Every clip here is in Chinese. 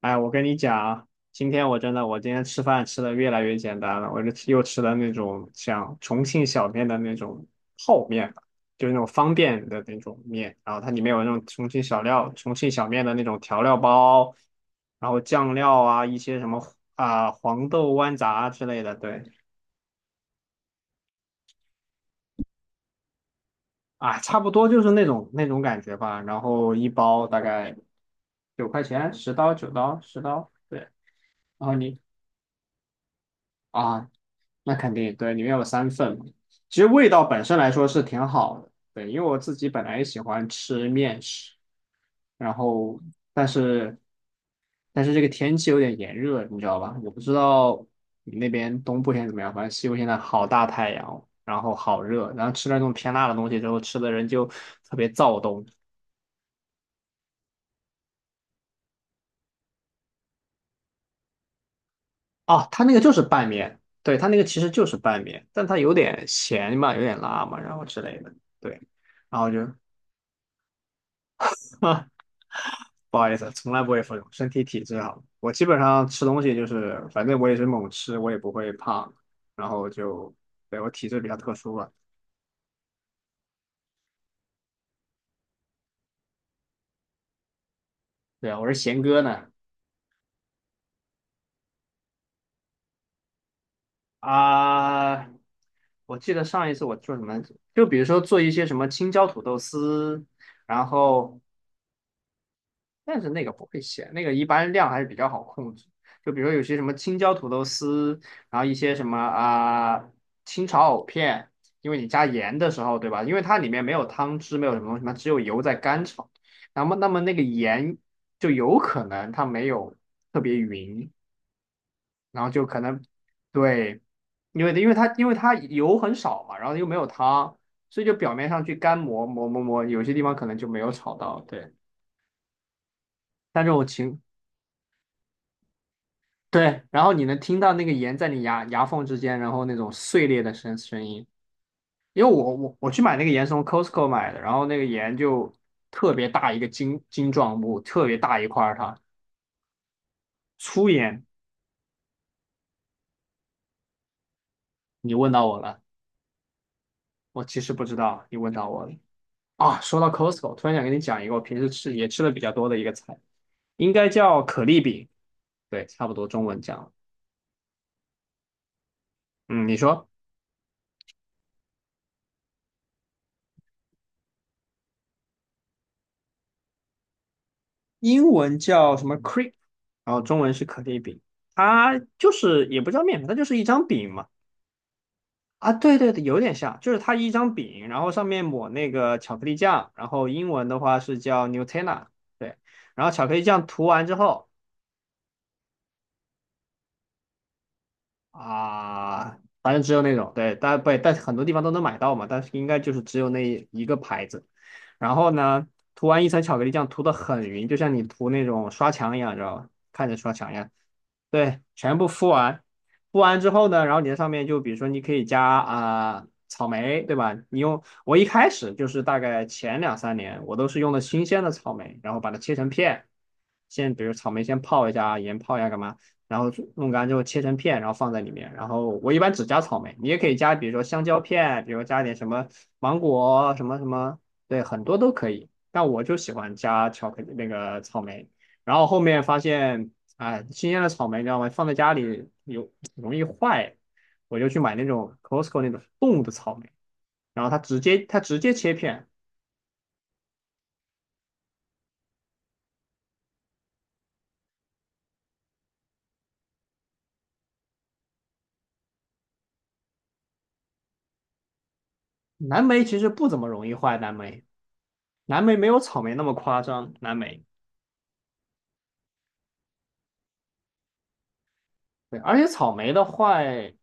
哎，我跟你讲啊，今天我真的，我今天吃饭吃的越来越简单了，我就吃又吃了那种像重庆小面的那种泡面吧。就是那种方便的那种面，然后它里面有那种重庆小料、重庆小面的那种调料包，然后酱料啊，一些什么啊、黄豆豌杂之类的，对，啊，差不多就是那种感觉吧，然后一包大概9块钱，10刀9刀10刀，对，然后你。啊，那肯定，对，里面有3份嘛。其实味道本身来说是挺好的，对，因为我自己本来也喜欢吃面食，然后但是但是这个天气有点炎热，你知道吧？我不知道你那边东部现在怎么样，反正西部现在好大太阳，然后好热，然后吃了那种偏辣的东西之后，吃的人就特别躁动。哦，它那个就是拌面，对，它那个其实就是拌面，但它有点咸嘛，有点辣嘛，然后之类的。对。然后就 啊，不好意思，从来不会服用，身体体质好。我基本上吃东西就是，反正我也是猛吃，我也不会胖，然后就，对，我体质比较特殊吧。对，啊，我是贤哥呢。啊，我记得上一次我做什么，就比如说做一些什么青椒土豆丝，然后但是那个不会写，那个一般量还是比较好控制。就比如说有些什么青椒土豆丝，然后一些什么啊、清炒藕片，因为你加盐的时候，对吧？因为它里面没有汤汁，没有什么东西嘛，只有油在干炒。那么那个盐就有可能它没有特别匀，然后就可能对，因为它油很少嘛，然后又没有汤，所以就表面上去干磨磨磨磨，有些地方可能就没有炒到。对，但这种情。对，然后你能听到那个盐在你牙缝之间，然后那种碎裂的声音。因为我去买那个盐是从 Costco 买的，然后那个盐就特别大一个晶状物，特别大一块儿它粗盐。你问到我了，我其实不知道，你问到我了啊。说到 Costco，突然想跟你讲一个我平时吃也吃的比较多的一个菜，应该叫可丽饼，对，差不多中文讲了嗯，你说。英文叫什么 crepe，然后中文是可丽饼。它就是也不叫面团，它就是一张饼嘛。啊，对对对，有点像，就是它一张饼，然后上面抹那个巧克力酱，然后英文的话是叫 Nutella，对，然后巧克力酱涂完之后，啊，反正只有那种，对，但不，但是很多地方都能买到嘛，但是应该就是只有那一个牌子。然后呢，涂完一层巧克力酱，涂的很匀，就像你涂那种刷墙一样，知道吧？看着刷墙一样。对，全部敷完，敷完之后呢，然后你在上面就比如说你可以加啊、草莓，对吧？你用我一开始就是大概前2、3年，我都是用的新鲜的草莓，然后把它切成片，先比如草莓先泡一下，盐泡一下干嘛？然后弄干之后切成片，然后放在里面。然后我一般只加草莓，你也可以加，比如说香蕉片，比如加点什么芒果什么什么，对，很多都可以。但我就喜欢加巧克力那个草莓。然后后面发现，哎，新鲜的草莓你知道吗？放在家里有容易坏，我就去买那种 Costco 那种冻的草莓，然后它直接切片。蓝莓其实不怎么容易坏，蓝莓没有草莓那么夸张，蓝莓对，而且草莓的坏。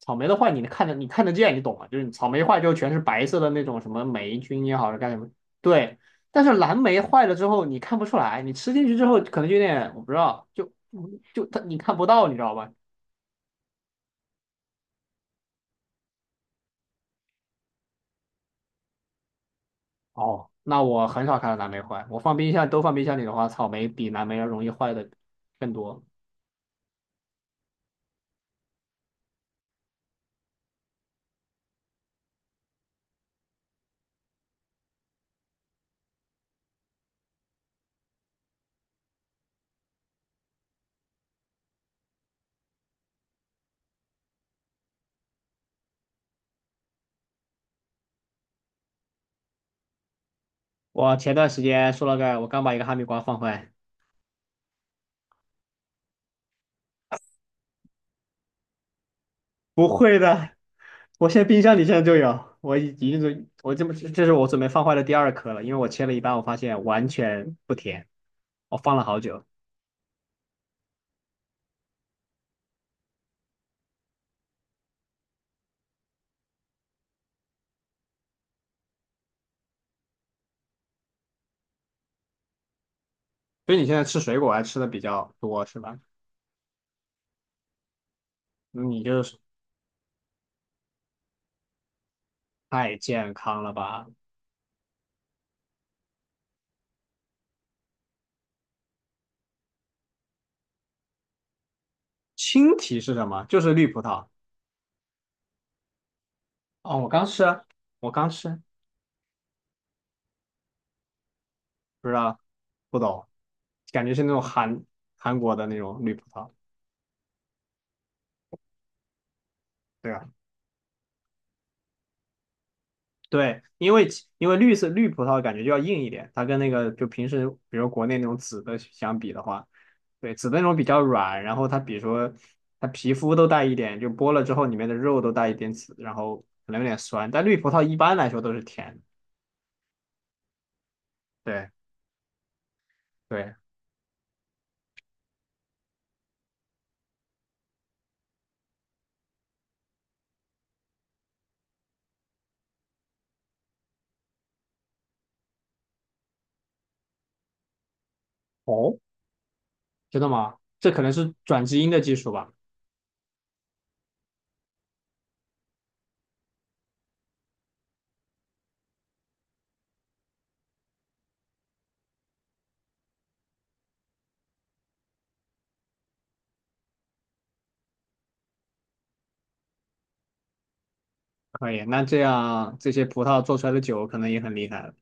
草莓的坏你能看得你看得见，你懂吗？就是草莓坏之后全是白色的那种什么霉菌也好是干什么，对。但是蓝莓坏了之后你看不出来，你吃进去之后可能就有点我不知道，就它你看不到，你知道吧？哦，那我很少看到蓝莓坏，我放冰箱都放冰箱里的话，草莓比蓝莓要容易坏的更多。我前段时间说了个，我刚把一个哈密瓜放坏。不会的，我现在冰箱里现在就有，我已经准，我这么这是我准备放坏的第2颗了，因为我切了一半，我发现完全不甜，我放了好久。所以你现在吃水果还吃的比较多是吧？你就是太健康了吧？青提是什么？就是绿葡萄。哦，我刚吃，不知道，不懂，感觉是那种韩国的那种绿葡萄。对吧？对，因为绿色绿葡萄感觉就要硬一点，它跟那个就平时比如国内那种紫的相比的话，对，紫的那种比较软，然后它比如说它皮肤都带一点，就剥了之后里面的肉都带一点紫，然后可能有点酸，但绿葡萄一般来说都是甜的对对，哦，真的吗？这可能是转基因的技术吧？可以，那这样这些葡萄做出来的酒可能也很厉害了。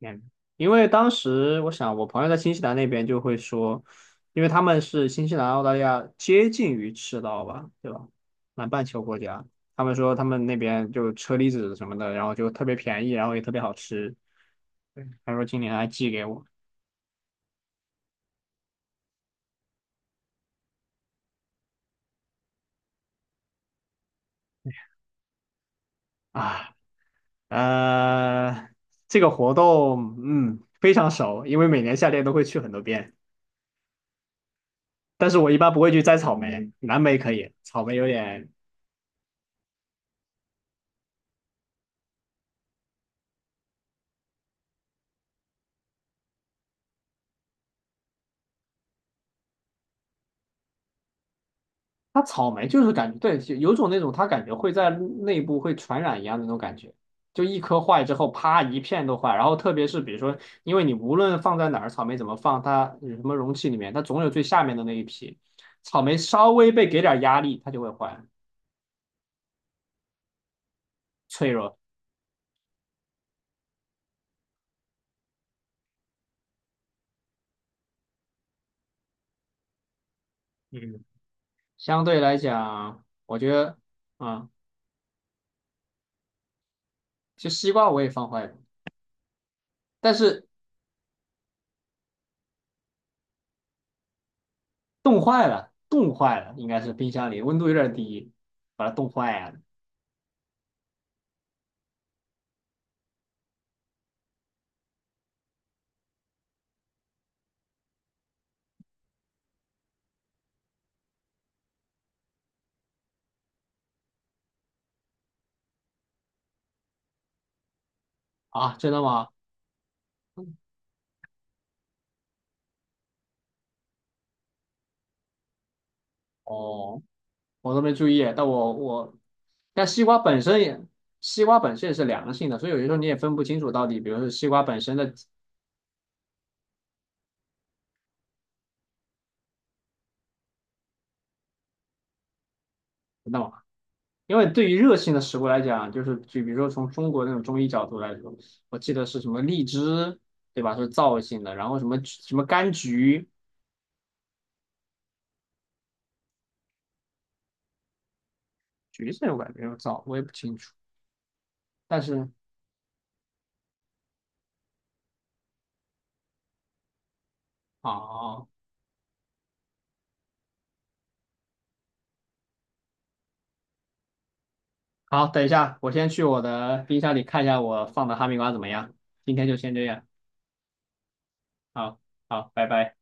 嗯，因为当时我想，我朋友在新西兰那边就会说，因为他们是新西兰、澳大利亚接近于赤道吧，对吧？南半球国家，他们说他们那边就车厘子什么的，然后就特别便宜，然后也特别好吃。对，他说今年还寄给我啊，呃，这个活动嗯非常熟，因为每年夏天都会去很多遍，但是我一般不会去摘草莓，蓝莓可以，草莓有点它草莓就是感觉对，就有种那种它感觉会在内部会传染一样的那种感觉，就一颗坏之后，啪一片都坏。然后特别是比如说，因为你无论放在哪儿，草莓怎么放，它有什么容器里面，它总有最下面的那一批。草莓稍微被给点压力，它就会坏，脆弱。嗯，相对来讲，我觉得，啊、其实西瓜我也放坏了，但是冻坏了，应该是冰箱里温度有点低，把它冻坏了。啊，真的吗？哦，我都没注意，但我，但西瓜本身也，西瓜本身也是凉性的，所以有些时候你也分不清楚到底，比如说西瓜本身的那么，因为对于热性的食物来讲，就比如说从中国那种中医角度来说，我记得是什么荔枝，对吧？是燥性的，然后什么橘什么柑橘，橘子我感觉有燥，我也不清楚。但是哦，好，等一下，我先去我的冰箱里看一下我放的哈密瓜怎么样。今天就先这样，好，好，拜拜。